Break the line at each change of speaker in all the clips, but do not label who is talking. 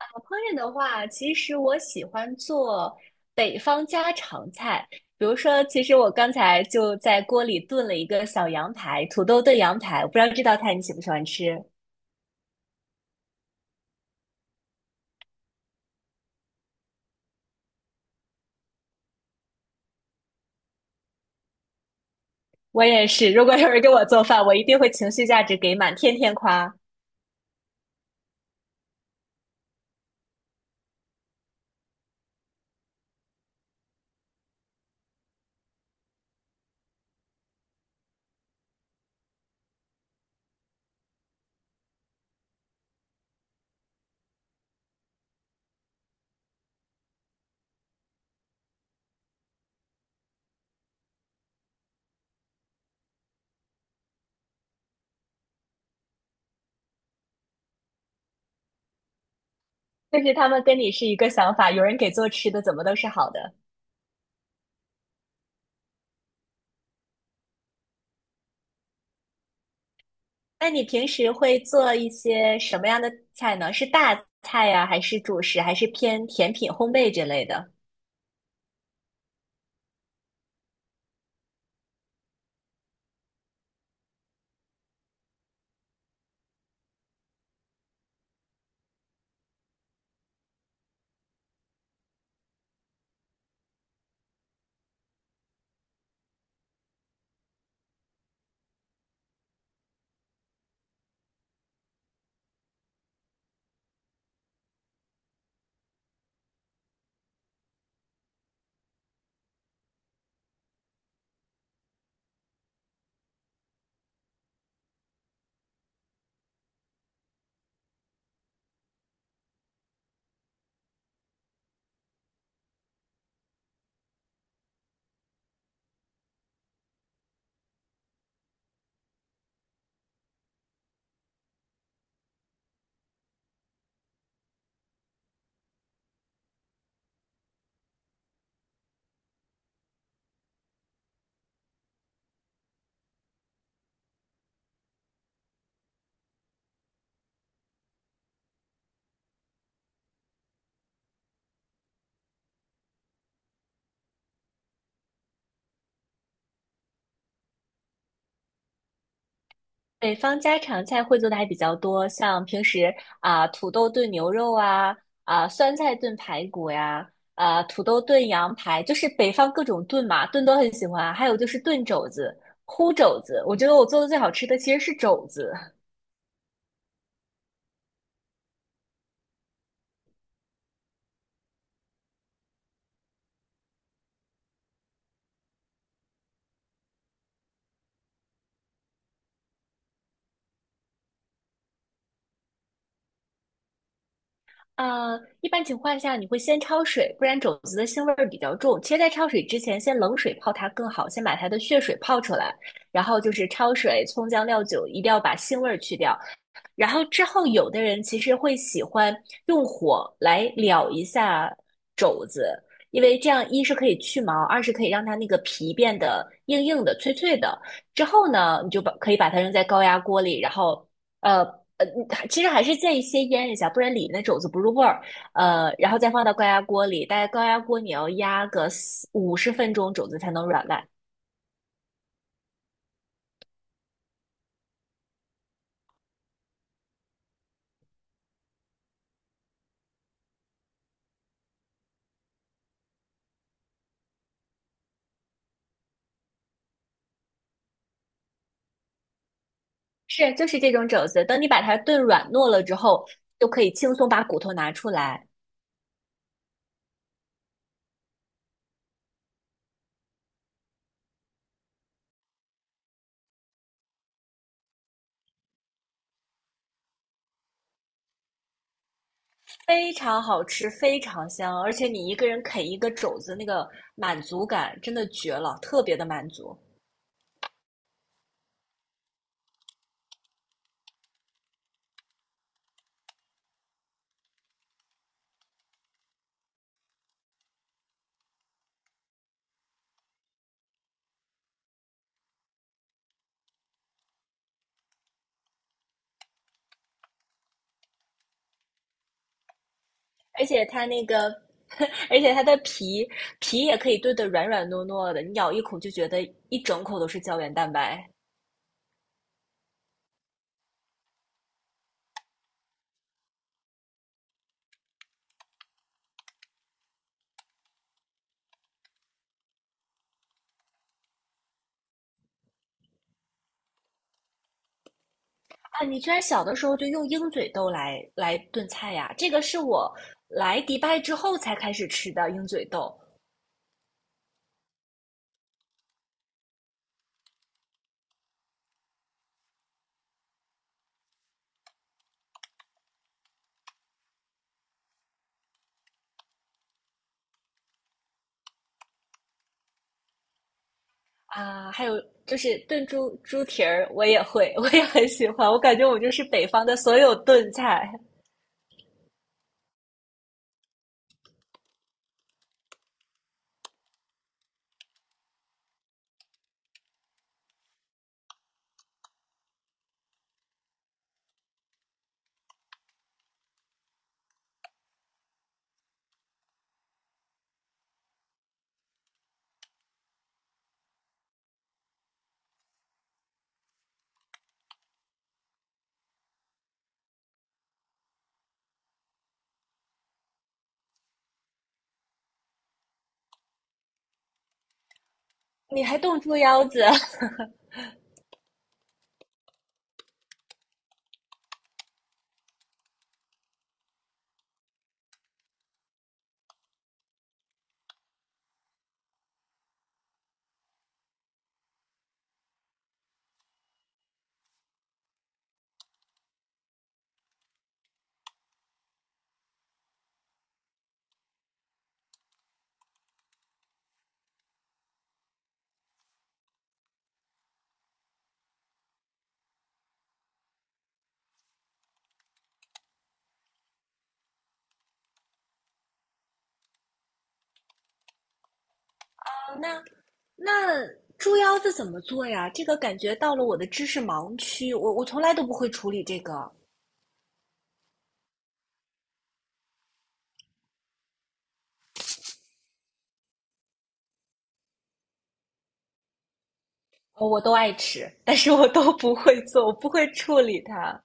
烹饪的话，其实我喜欢做北方家常菜。比如说，其实我刚才就在锅里炖了一个小羊排，土豆炖羊排，我不知道这道菜你喜不喜欢吃？我也是，如果有人给我做饭，我一定会情绪价值给满，天天夸。但是他们跟你是一个想法，有人给做吃的，怎么都是好的。那你平时会做一些什么样的菜呢？是大菜呀，还是主食，还是偏甜品、烘焙这类的？北方家常菜会做的还比较多，像平时啊、土豆炖牛肉啊，啊、酸菜炖排骨呀，啊、土豆炖羊排，就是北方各种炖嘛，炖都很喜欢啊。还有就是炖肘子、烀肘子，我觉得我做的最好吃的其实是肘子。一般情况下你会先焯水，不然肘子的腥味儿比较重。其实，在焯水之前，先冷水泡它更好，先把它的血水泡出来，然后就是焯水、葱姜料酒，一定要把腥味儿去掉。然后之后，有的人其实会喜欢用火来燎一下肘子，因为这样一是可以去毛，二是可以让它那个皮变得硬硬的、脆脆的。之后呢，你就把可以把它扔在高压锅里，然后呃呃，其实还是建议先腌一下，不然里面的肘子不入味儿。然后再放到高压锅里，但是高压锅你要压个四五十分钟，肘子才能软烂。是，就是这种肘子，等你把它炖软糯了之后，就可以轻松把骨头拿出来，非常好吃，非常香，而且你一个人啃一个肘子，那个满足感真的绝了，特别的满足。而且它那个，而且它的皮也可以炖得软软糯糯的，你咬一口就觉得一整口都是胶原蛋白。啊，你居然小的时候就用鹰嘴豆来炖菜呀？这个是我来迪拜之后才开始吃的鹰嘴豆啊。还有就是炖猪蹄儿，我也会，我也很喜欢。我感觉我就是北方的所有炖菜。你还炖猪腰子？那那猪腰子怎么做呀？这个感觉到了我的知识盲区，我从来都不会处理这个，哦我都爱吃，但是我都不会做，我不会处理它。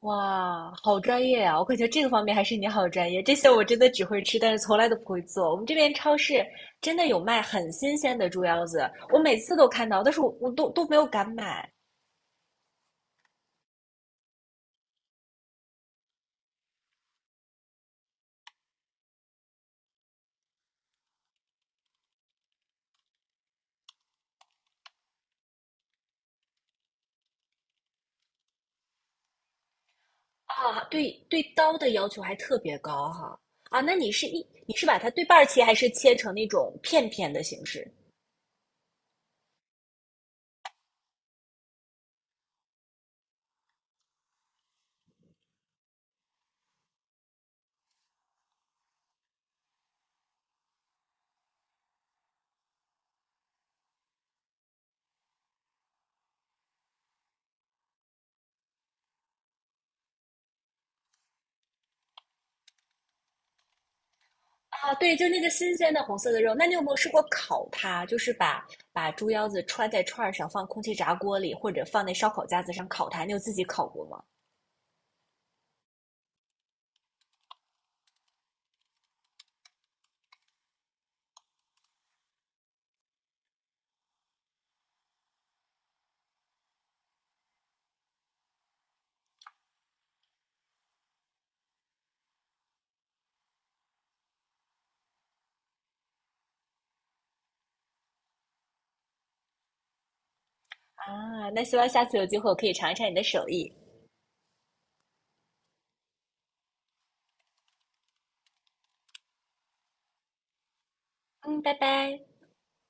哇，好专业啊！我感觉这个方面还是你好专业，这些我真的只会吃，但是从来都不会做。我们这边超市真的有卖很新鲜的猪腰子，我每次都看到，但是我都没有敢买。啊，对对，刀的要求还特别高哈。啊！那你是一你是把它对半儿切，还是切成那种片片的形式？啊，对，就那个新鲜的红色的肉。那你有没有试过烤它？就是把猪腰子穿在串儿上，放空气炸锅里，或者放那烧烤架子上烤它。你有自己烤过吗？啊，那希望下次有机会我可以尝一尝你的手艺。嗯，拜拜。